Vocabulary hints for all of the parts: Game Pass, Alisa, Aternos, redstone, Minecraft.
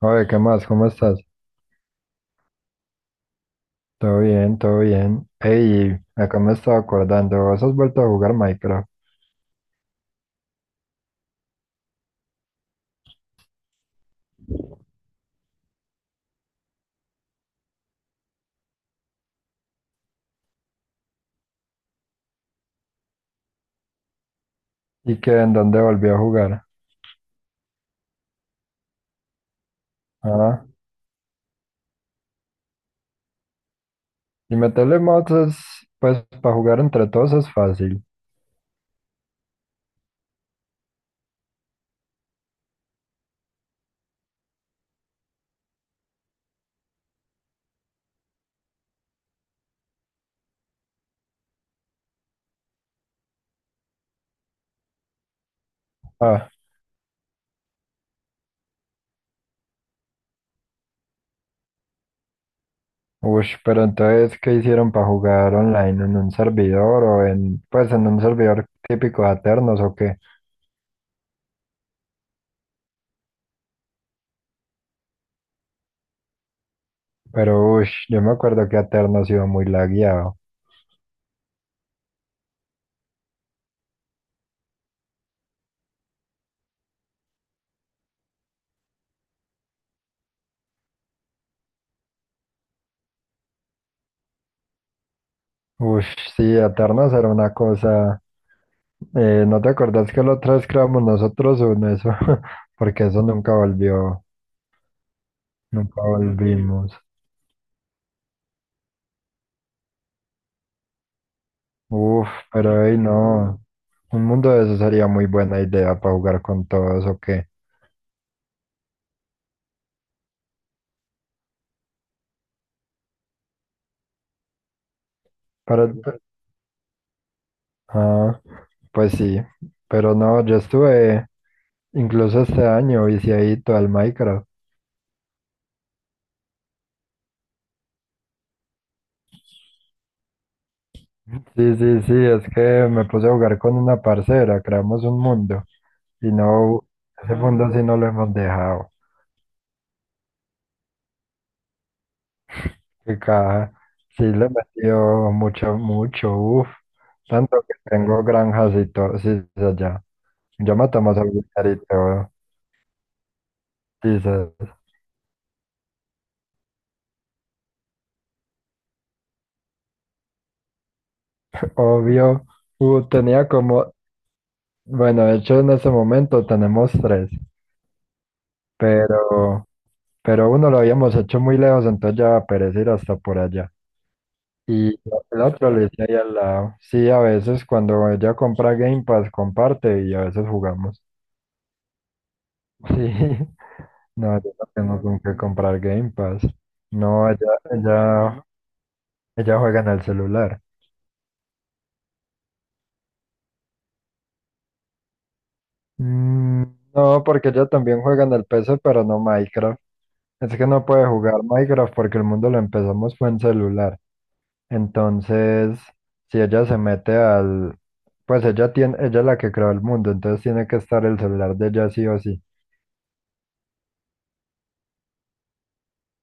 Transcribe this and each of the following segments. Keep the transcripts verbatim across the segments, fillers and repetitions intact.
Oye, ¿qué más? ¿Cómo estás? Todo bien, todo bien. Ey, acá me estaba acordando, vos has vuelto a jugar Minecraft. ¿Y qué? ¿En dónde volvió a jugar? Ah, y meterle mods es, pues, para jugar entre todos es fácil. Ah, ush, pero entonces, ¿qué hicieron para jugar online? ¿En un servidor o en, pues, en un servidor típico de Aternos o qué? Pero, ush, yo me acuerdo que Aternos iba muy lagueado. Ush, sí, Aternos era una cosa. Eh, ¿no te acordás que la otra vez creamos nosotros en eso? Porque eso nunca volvió, nunca volvimos. Uf, pero ahí no. Un mundo de eso sería muy buena idea para jugar con todos, ¿o qué? Para, ah, pues sí, pero no, yo estuve incluso este año viciadito al Minecraft. Sí, sí, sí, es que me puse a jugar con una parcera, creamos un mundo y no, ese mundo sí no lo hemos dejado. Qué caja. Sí, le metió mucho, mucho, uff. Tanto que tengo granjas y todo, sí, sí, allá. Yo me tomo ese dinerito, dices, obvio. Uh, tenía como, bueno, de hecho en ese momento tenemos tres, pero, pero uno lo habíamos hecho muy lejos, entonces ya va a perecer hasta por allá. Y el otro le hice ahí al lado. Sí, a veces cuando ella compra Game Pass comparte y a veces jugamos. Sí. No, yo no tengo con qué comprar Game Pass. No, ella, ella, ella juega en el celular. Mm, no, porque ella también juega en el P C, pero no Minecraft. Es que no puede jugar Minecraft porque el mundo lo empezamos fue en celular. Entonces, si ella se mete al... Pues ella tiene, ella es la que creó el mundo, entonces tiene que estar el celular de ella sí o sí.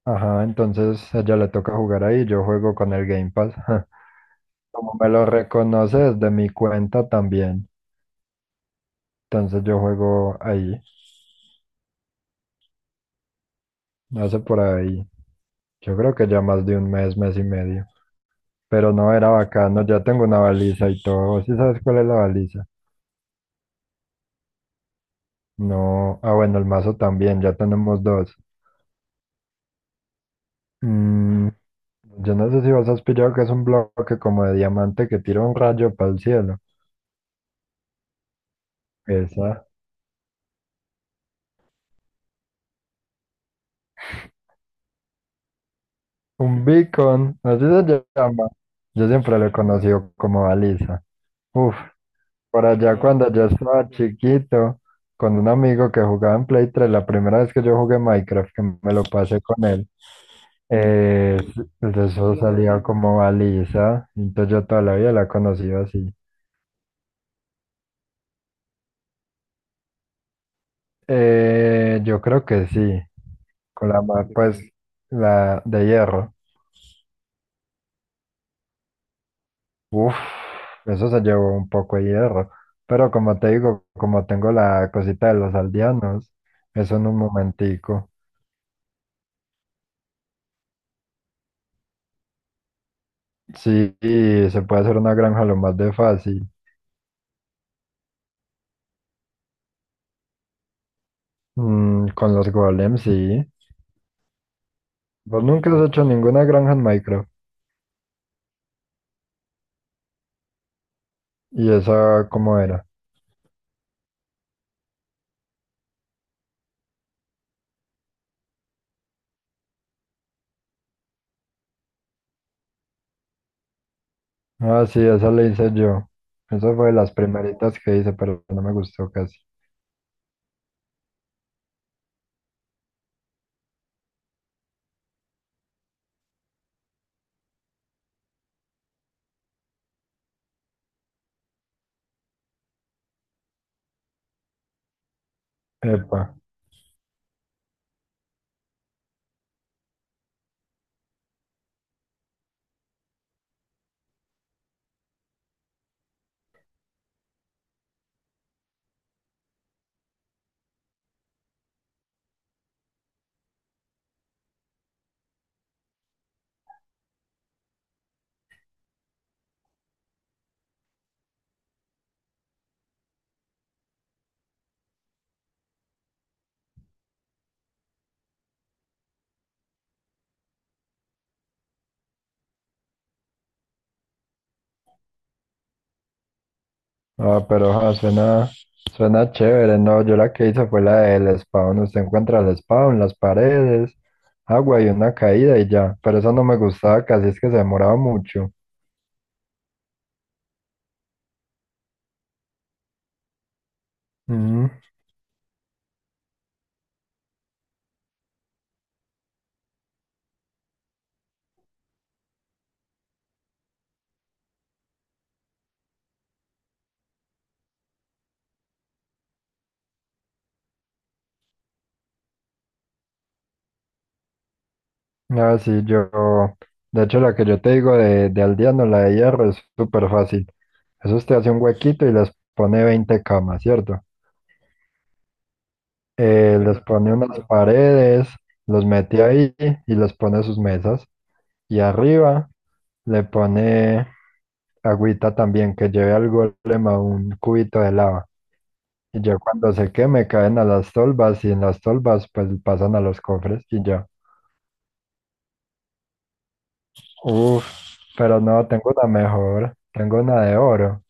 Ajá, entonces a ella le toca jugar ahí, yo juego con el Game Pass. Como me lo reconoce desde mi cuenta también. Entonces yo juego ahí, hace por ahí, yo creo que ya más de un mes, mes y medio. Pero no era bacano, ya tengo una baliza y todo. ¿Sí sabes cuál es la baliza? No, ah bueno, el mazo también, ya tenemos dos. Mm, yo no sé si vos has pillado que es un bloque como de diamante que tira un rayo para el cielo. Esa, un beacon, así se llama. Yo siempre lo he conocido como baliza. Uf, por allá no, cuando yo estaba chiquito, con un amigo que jugaba en Play tres la primera vez que yo jugué Minecraft, que me lo pasé con él, eh, pues eso salía como Alisa, entonces yo toda la vida la he conocido así. Eh, yo creo que sí, con la ma- pues la de hierro. Uf, eso se llevó un poco de hierro, pero como te digo, como tengo la cosita de los aldeanos, eso en un momentico. Sí, y se puede hacer una granja lo más de fácil. Mm, con los golems, sí. Vos nunca has hecho ninguna granja en Minecraft. ¿Y esa cómo era? Ah, sí, esa la hice yo. Esa fue de las primeritas que hice, pero no me gustó casi. Epa. Ah, pero ah, suena, suena chévere. No, yo la que hice fue la del spawn. Usted encuentra el spawn, las paredes, agua y una caída y ya. Pero esa no me gustaba casi, es que se demoraba mucho. Mm. Ah, sí, yo, de hecho la que yo te digo de, de Aldeano, la de hierro, es súper fácil. Eso usted hace un huequito y les pone veinte camas, ¿cierto? Eh, les pone unas paredes, los mete ahí y les pone sus mesas. Y arriba le pone agüita también, que lleve al golem a un cubito de lava. Y ya cuando se queme caen a las tolvas y en las tolvas pues pasan a los cofres y ya. Uf, pero no, tengo una mejor, tengo una de oro.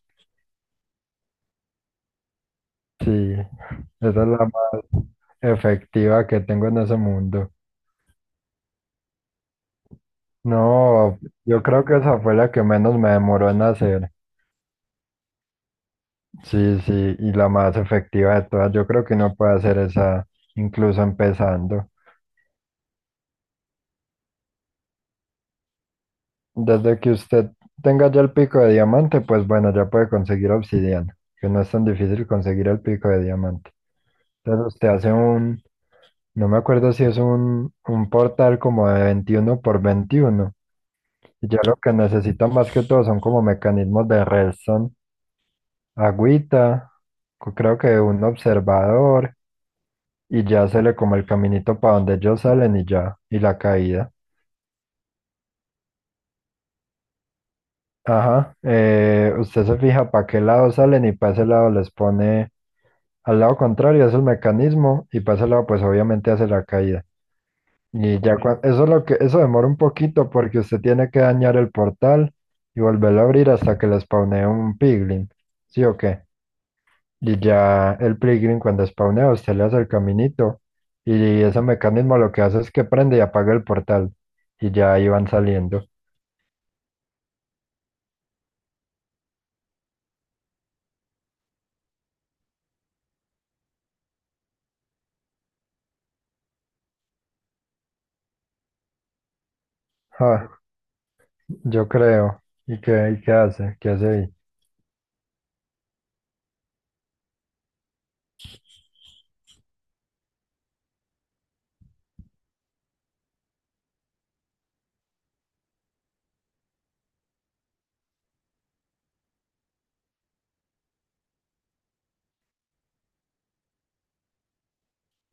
Sí, esa es la más efectiva que tengo en ese mundo. No, yo creo que esa fue la que menos me demoró en hacer. Sí, sí, y la más efectiva de todas. Yo creo que uno puede hacer esa incluso empezando. Desde que usted tenga ya el pico de diamante, pues bueno, ya puede conseguir obsidiana, que no es tan difícil conseguir el pico de diamante. Entonces usted hace un, no me acuerdo si es un, un portal como de veintiuno por veintiuno. Ya lo que necesitan más que todo son como mecanismos de redstone, agüita, co- creo que un observador y ya se le como el caminito para donde ellos salen y ya, y la caída. Ajá, eh, usted se fija para qué lado salen y para ese lado les pone al lado contrario, es el mecanismo y para ese lado pues obviamente hace la caída. Y ya cua- eso es lo que, eso demora un poquito porque usted tiene que dañar el portal y volverlo a abrir hasta que les spawnee un piglin, ¿sí o qué? Y ya el Pilgrim cuando spawnea, usted le hace el caminito y ese mecanismo lo que hace es que prende y apaga el portal y ya ahí van saliendo. Ah, yo creo. ¿Y qué, y qué hace? ¿Qué hace ahí?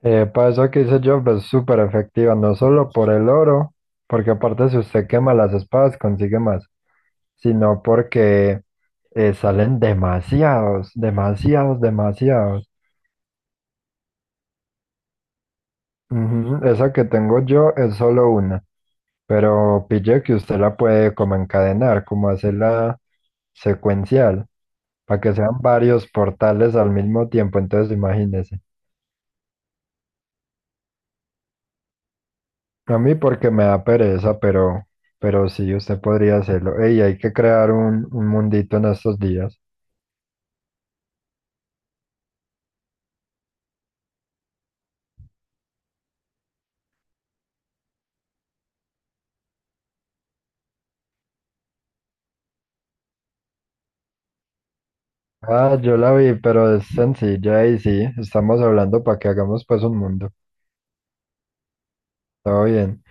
Eh, para eso que hice Job es súper efectiva, no solo por el oro, porque aparte si usted quema las espadas consigue más, sino porque eh, salen demasiados, demasiados, demasiados. Ujú, esa que tengo yo es solo una. Pero pille que usted la puede como encadenar, como hacerla secuencial, para que sean varios portales al mismo tiempo. Entonces, imagínese. A mí porque me da pereza, pero, pero sí, usted podría hacerlo. Ey, hay que crear un, un mundito en estos días. Ah, yo la vi, pero es sencilla y sí, estamos hablando para que hagamos pues un mundo. Todo bien.